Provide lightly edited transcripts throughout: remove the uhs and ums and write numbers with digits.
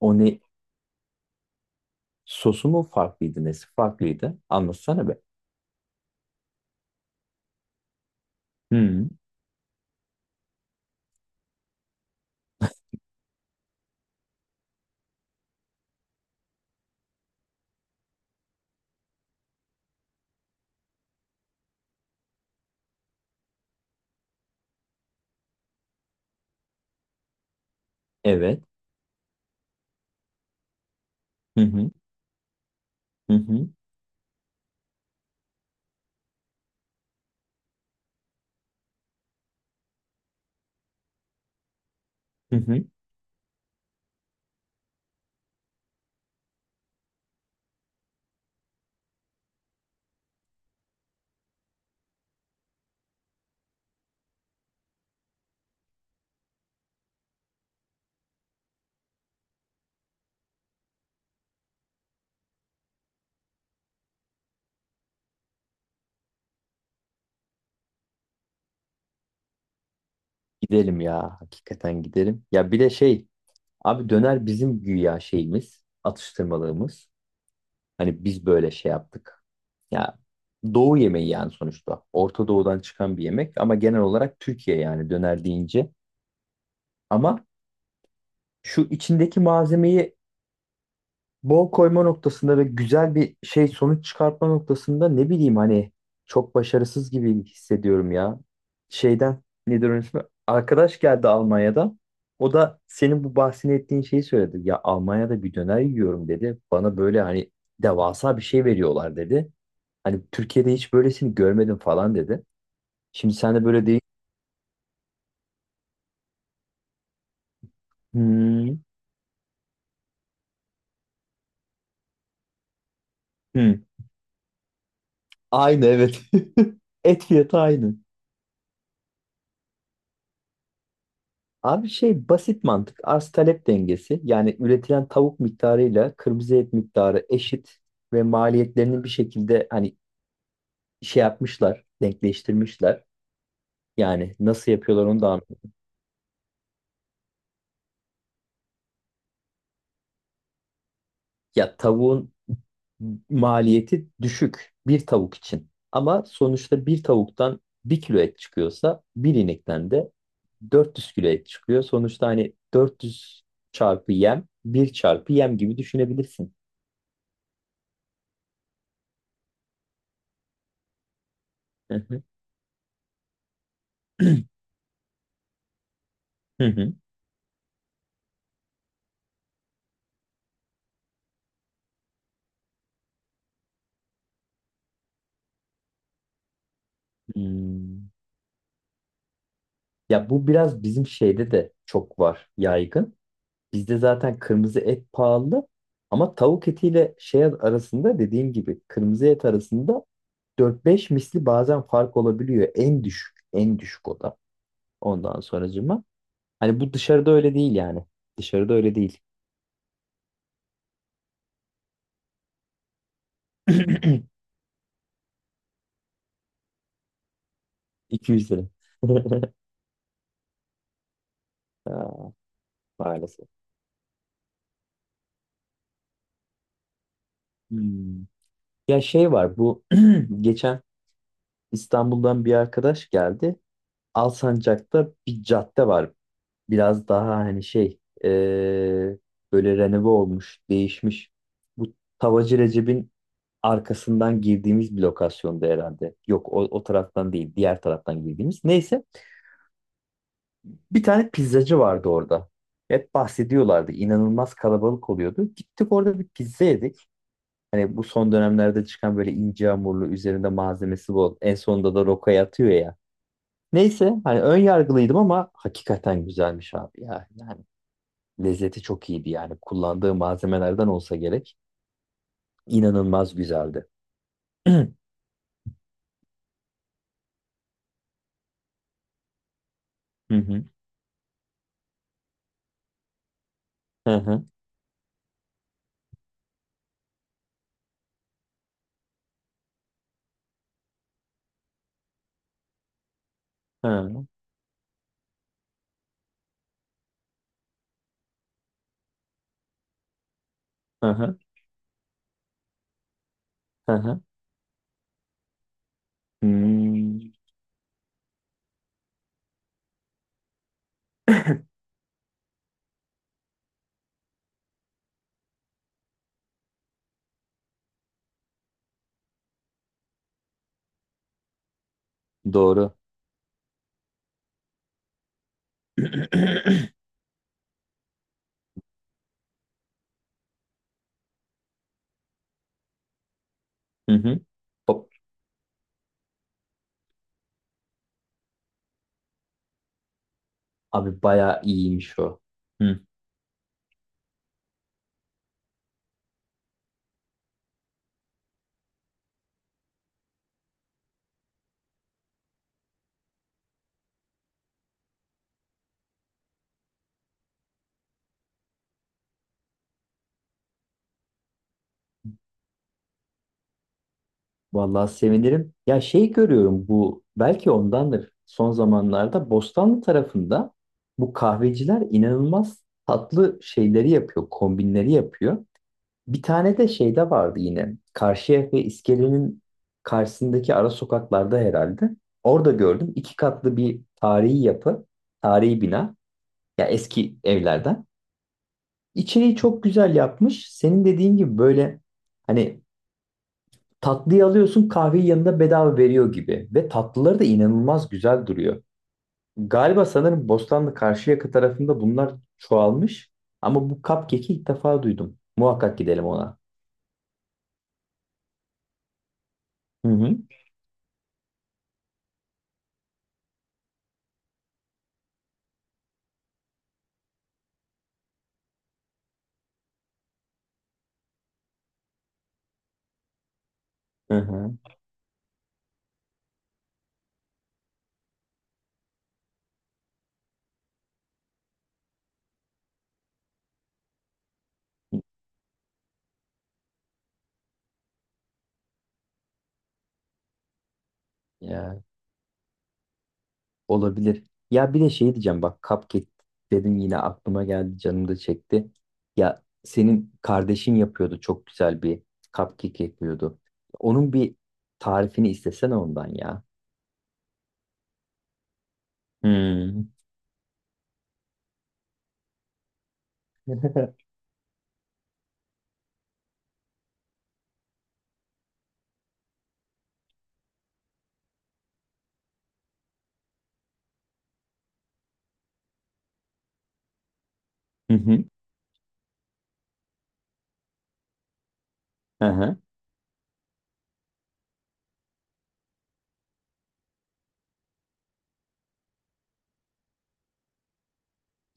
O ne sosu mu farklıydı nesi farklıydı? Anlatsana be. Hı, evet. Hı hı. Hı hı. Hı hı. Gidelim ya. Hakikaten gidelim. Ya bir de şey abi döner bizim güya şeyimiz, atıştırmalığımız. Hani biz böyle şey yaptık. Ya Doğu yemeği yani sonuçta. Orta Doğu'dan çıkan bir yemek ama genel olarak Türkiye yani döner deyince. Ama şu içindeki malzemeyi bol koyma noktasında ve güzel bir şey sonuç çıkartma noktasında ne bileyim hani çok başarısız gibi hissediyorum ya. Şeyden nedir onun ismi? Arkadaş geldi Almanya'dan. O da senin bu bahsini ettiğin şeyi söyledi. Ya Almanya'da bir döner yiyorum dedi. Bana böyle hani devasa bir şey veriyorlar dedi. Hani Türkiye'de hiç böylesini görmedim falan dedi. Şimdi sen de böyle değil. Hmm, hmm. Aynı, evet. Et fiyatı aynı. Abi şey basit mantık. Arz talep dengesi. Yani üretilen tavuk miktarıyla kırmızı et miktarı eşit ve maliyetlerini bir şekilde hani şey yapmışlar, denkleştirmişler. Yani nasıl yapıyorlar onu da anlamadım. Ya tavuğun maliyeti düşük bir tavuk için. Ama sonuçta bir tavuktan bir kilo et çıkıyorsa bir inekten de 400 kilo et çıkıyor. Sonuçta hani 400 çarpı yem, bir çarpı yem gibi düşünebilirsin. Hı hı. Hı hı. Hmm. Ya bu biraz bizim şeyde de çok var, yaygın. Bizde zaten kırmızı et pahalı ama tavuk etiyle şey arasında, dediğim gibi kırmızı et arasında dört beş misli bazen fark olabiliyor. En düşük, en düşük o da. Ondan sonracığıma. Hani bu dışarıda öyle değil yani. Dışarıda öyle değil. 200 lira. Aa, maalesef. Hmm. Ya şey var, bu geçen İstanbul'dan bir arkadaş geldi. Alsancak'ta bir cadde var, biraz daha hani şey böyle renove olmuş, değişmiş. Bu Tavacı Recep'in arkasından girdiğimiz bir lokasyonda herhalde. Yok o, o taraftan değil, diğer taraftan girdiğimiz. Neyse bir tane pizzacı vardı orada. Hep bahsediyorlardı. İnanılmaz kalabalık oluyordu. Gittik, orada bir pizza yedik. Hani bu son dönemlerde çıkan böyle ince hamurlu, üzerinde malzemesi bol. En sonunda da rokaya atıyor ya. Neyse, hani ön yargılıydım ama hakikaten güzelmiş abi ya. Yani lezzeti çok iyiydi yani. Kullandığı malzemelerden olsa gerek. İnanılmaz güzeldi. Hı hı. Hı hı. Hı hı. Hı hı. Hı hı. Hmm. Doğru. Hı hı. Hop. Abi bayağı iyiymiş o. Hı. Vallahi sevinirim. Ya şey görüyorum, bu belki ondandır. Son zamanlarda Bostanlı tarafında bu kahveciler inanılmaz tatlı şeyleri yapıyor, kombinleri yapıyor. Bir tane de şeyde vardı yine. Karşıyaka iskelenin karşısındaki ara sokaklarda herhalde. Orada gördüm. İki katlı bir tarihi yapı, tarihi bina. Ya eski evlerden. İçeriği çok güzel yapmış. Senin dediğin gibi böyle hani tatlıyı alıyorsun, kahveyi yanında bedava veriyor gibi. Ve tatlıları da inanılmaz güzel duruyor. Galiba, sanırım Bostanlı Karşıyaka tarafında bunlar çoğalmış. Ama bu cupcake'i ilk defa duydum. Muhakkak gidelim ona. Hı hı. Hı hı. Ya. Olabilir. Ya bir de şey diyeceğim bak, cupcake dedin yine aklıma geldi, canım da çekti. Ya senin kardeşin yapıyordu, çok güzel bir cupcake yapıyordu. Onun bir tarifini istesene ondan ya. Hmm. Hı hı. Hı hı.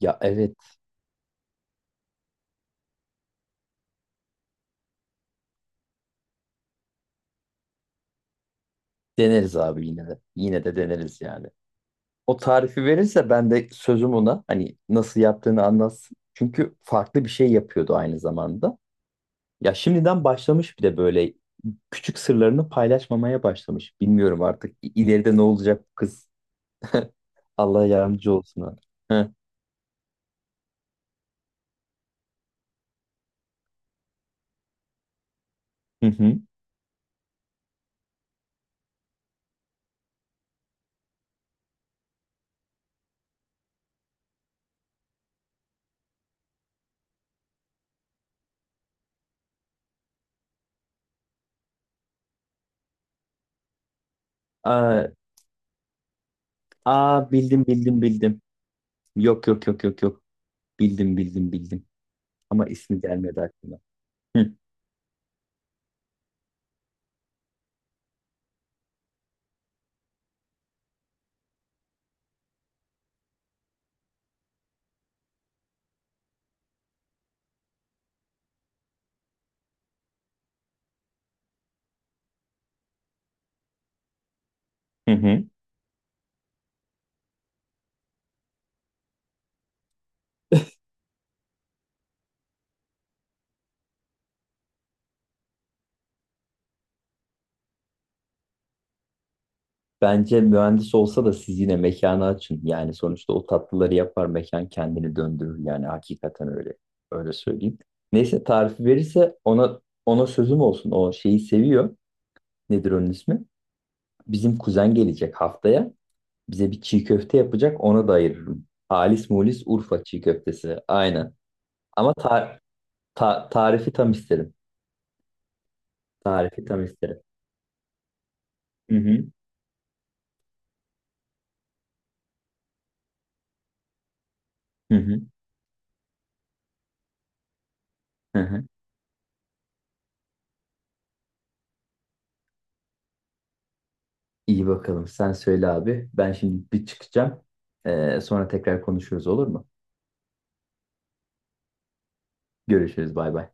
Ya evet, deneriz abi yine de. Yine de deneriz yani. O tarifi verirse ben de sözüm ona hani nasıl yaptığını anlatsın. Çünkü farklı bir şey yapıyordu aynı zamanda. Ya şimdiden başlamış bir de böyle küçük sırlarını paylaşmamaya başlamış. Bilmiyorum artık ileride ne olacak bu kız. Allah yardımcı olsun. Ha. Hı hı. Hı. Aa, aa, bildim. Yok. Bildim. Ama ismi gelmedi aklıma. Hı hı. Hı. Bence mühendis olsa da siz yine mekanı açın. Yani sonuçta o tatlıları yapar, mekan kendini döndürür. Yani hakikaten öyle. Öyle söyleyeyim. Neyse, tarifi verirse ona, ona sözüm olsun. O şeyi seviyor. Nedir onun ismi? Bizim kuzen gelecek haftaya. Bize bir çiğ köfte yapacak. Ona da ayırırım. Halis mulis Urfa çiğ köftesi. Aynen. Ama tarifi tam isterim. Tarifi tam isterim. Hı hı. Hı hı. Hı hı. İyi bakalım. Sen söyle abi. Ben şimdi bir çıkacağım. Sonra tekrar konuşuruz, olur mu? Görüşürüz. Bay bay.